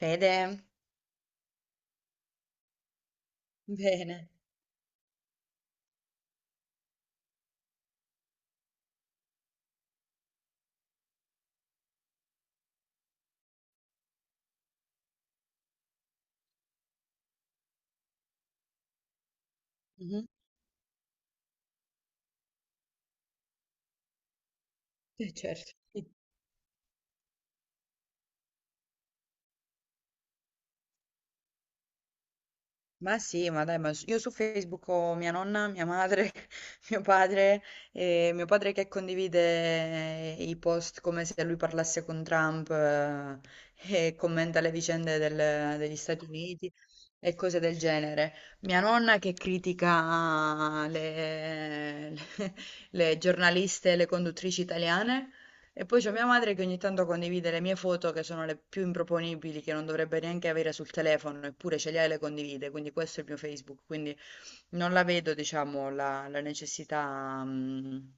Fede, bene. Mh-mh. Certo. Sì. Ma sì, ma dai, ma s io su Facebook ho mia nonna, mia madre, mio padre, mio padre che condivide i post come se lui parlasse con Trump, e commenta le vicende del degli Stati Uniti e cose del genere. Mia nonna che critica le le giornaliste e le conduttrici italiane. E poi c'è mia madre che ogni tanto condivide le mie foto che sono le più improponibili, che non dovrebbe neanche avere sul telefono, eppure ce le ha e le condivide, quindi questo è il mio Facebook, quindi non la vedo diciamo la necessità,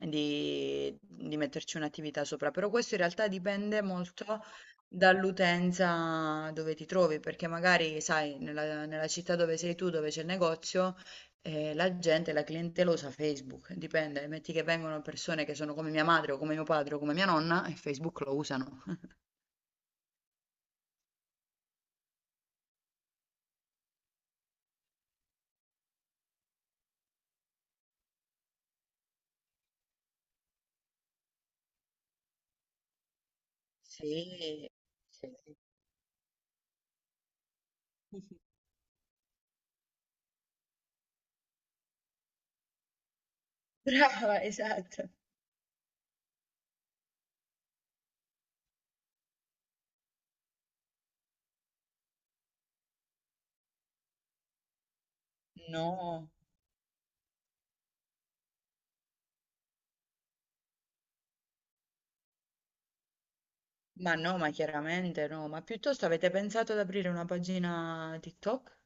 di metterci un'attività sopra, però questo in realtà dipende molto dall'utenza dove ti trovi, perché magari sai nella città dove sei tu, dove c'è il negozio, la gente, la clientela usa Facebook, dipende, metti che vengono persone che sono come mia madre o come mio padre o come mia nonna e Facebook lo usano. Sì, sì. Brava, esatto. No. Ma no, ma chiaramente no, ma piuttosto avete pensato ad aprire una pagina TikTok?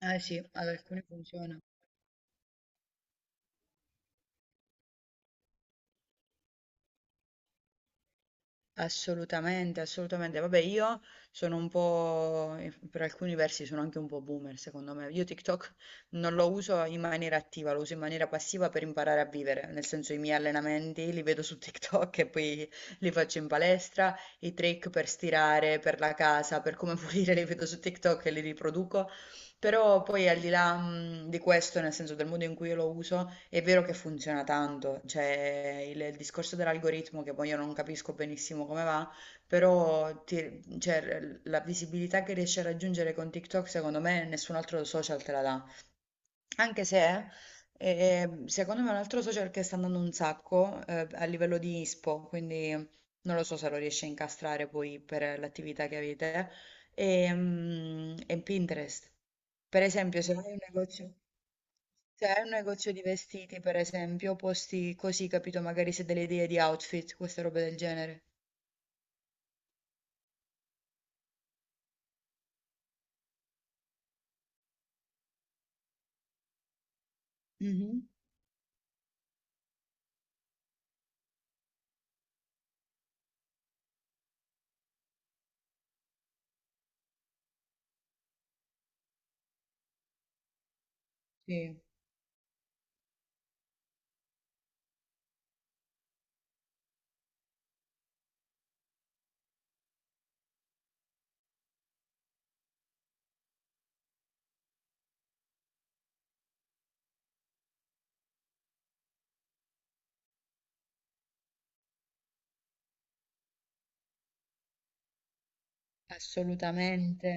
Eh sì, ad alcuni funziona. Assolutamente, assolutamente. Vabbè, io sono un po', per alcuni versi sono anche un po' boomer, secondo me. Io TikTok non lo uso in maniera attiva, lo uso in maniera passiva per imparare a vivere, nel senso i miei allenamenti li vedo su TikTok e poi li faccio in palestra, i trick per stirare, per la casa, per come pulire li vedo su TikTok e li riproduco. Però poi al di là, di questo, nel senso del modo in cui io lo uso, è vero che funziona tanto, cioè il discorso dell'algoritmo che poi io non capisco benissimo come va, però ti- cioè, la visibilità che riesci a raggiungere con TikTok, secondo me nessun altro social te la dà. Anche se, secondo me, un altro social che sta andando un sacco, a livello di ISPO, quindi non lo so se lo riesci a incastrare poi per l'attività che avete, è, mm, è Pinterest. Per esempio, se hai un negozio, se hai un negozio di vestiti, per esempio, posti così, capito? Magari se hai delle idee di outfit, queste robe del genere. Mhm, sì, assolutamente.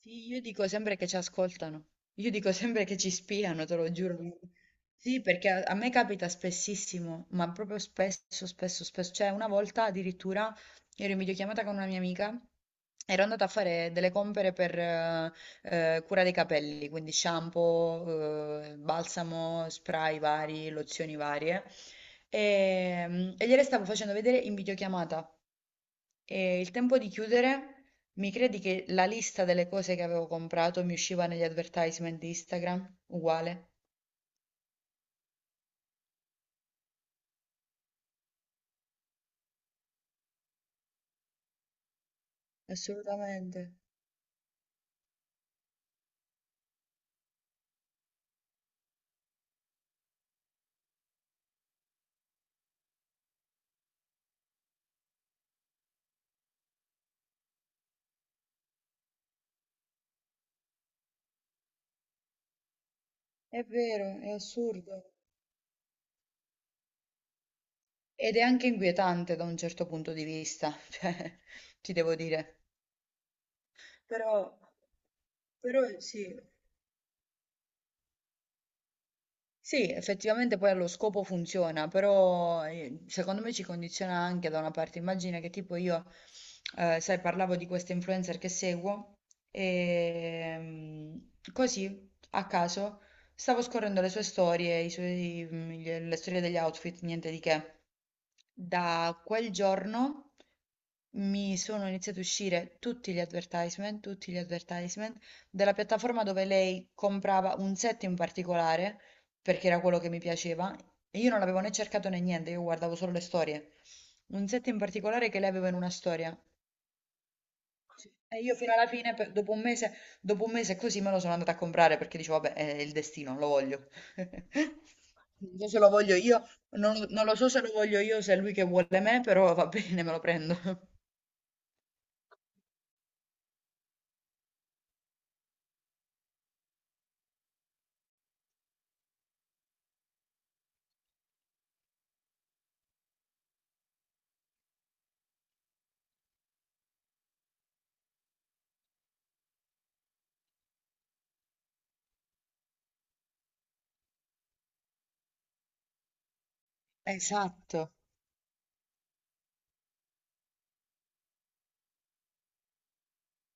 Sì, io dico sempre che ci ascoltano, io dico sempre che ci spiano, te lo giuro. Sì, perché a me capita spessissimo, ma proprio spesso, spesso, spesso. Cioè, una volta addirittura ero in videochiamata con una mia amica, ero andata a fare delle compere per cura dei capelli, quindi shampoo, balsamo, spray vari, lozioni varie, e gliele stavo facendo vedere in videochiamata. E il tempo di chiudere, mi credi che la lista delle cose che avevo comprato mi usciva negli advertisement di Instagram? Uguale. Assolutamente. È vero, è assurdo. Ed è anche inquietante da un certo punto di vista, cioè, ti devo dire. Però, però sì. Sì, effettivamente poi allo scopo funziona, però secondo me ci condiziona anche da una parte. Immagina che tipo io, sai, parlavo di queste influencer che seguo e mm, così, a caso, stavo scorrendo le sue storie, i suoi- mm, le storie degli outfit, niente di che. Da quel giorno mi sono iniziati a uscire tutti gli advertisement della piattaforma dove lei comprava un set in particolare, perché era quello che mi piaceva, e io non l'avevo né cercato né niente, io guardavo solo le storie. Un set in particolare che lei aveva in una storia. Sì. E io fino alla fine, per- dopo un mese così me lo sono andata a comprare perché dicevo, vabbè, è il destino, lo voglio. Non so se lo voglio io, non lo so se lo voglio io, se è lui che vuole me, però va bene, me lo prendo. Esatto,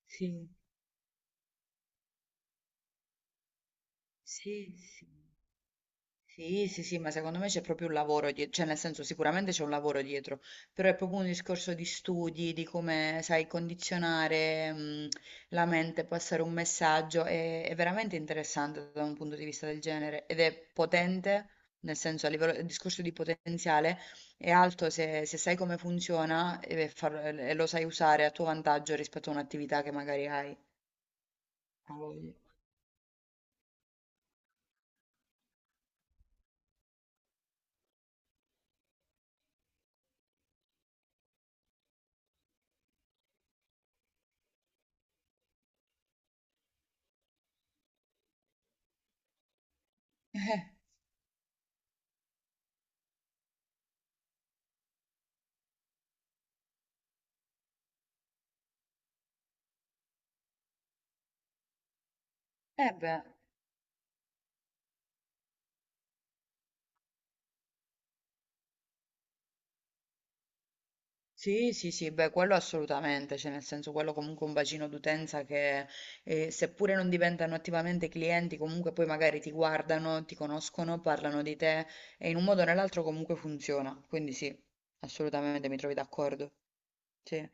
sì, sì, sì. Sì, sì, sì, ma secondo me c'è proprio un lavoro dietro, cioè nel senso sicuramente c'è un lavoro dietro, però è proprio un discorso di studi, di come sai condizionare, la mente, passare un messaggio, è veramente interessante da un punto di vista del genere ed è potente, nel senso a livello, il discorso di potenziale è alto se, se sai come funziona e, far- e lo sai usare a tuo vantaggio rispetto a un'attività che magari hai. A voglia. Eh, eh beh. Sì, sì, sì, beh, quello assolutamente, cioè nel senso quello comunque è un bacino d'utenza che seppure non diventano attivamente clienti, comunque poi magari ti guardano, ti conoscono, parlano di te e in un modo o nell'altro comunque funziona. Quindi sì, assolutamente mi trovi d'accordo. Sì.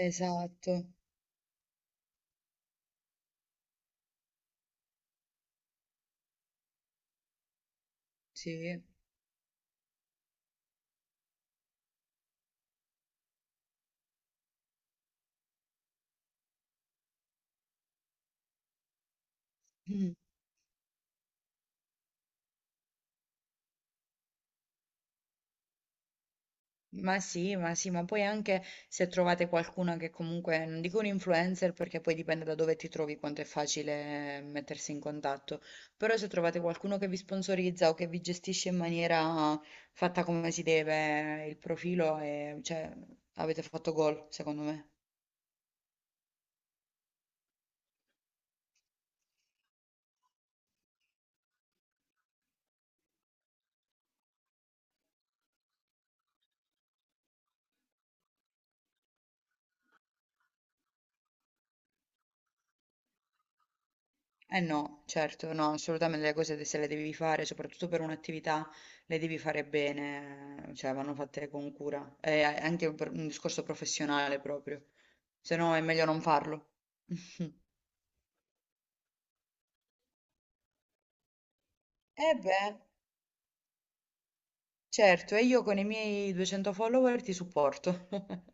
Esatto, sì. Mm. Ma sì, ma sì, ma poi anche se trovate qualcuno che comunque, non dico un influencer perché poi dipende da dove ti trovi quanto è facile mettersi in contatto, però se trovate qualcuno che vi sponsorizza o che vi gestisce in maniera fatta come si deve il profilo, e, cioè, avete fatto gol, secondo me. Eh no, certo, no, assolutamente le cose de- se le devi fare, soprattutto per un'attività, le devi fare bene, cioè vanno fatte con cura, è anche per un discorso professionale proprio, se no è meglio non farlo. Eh beh, certo, e io con i miei 200 follower ti supporto.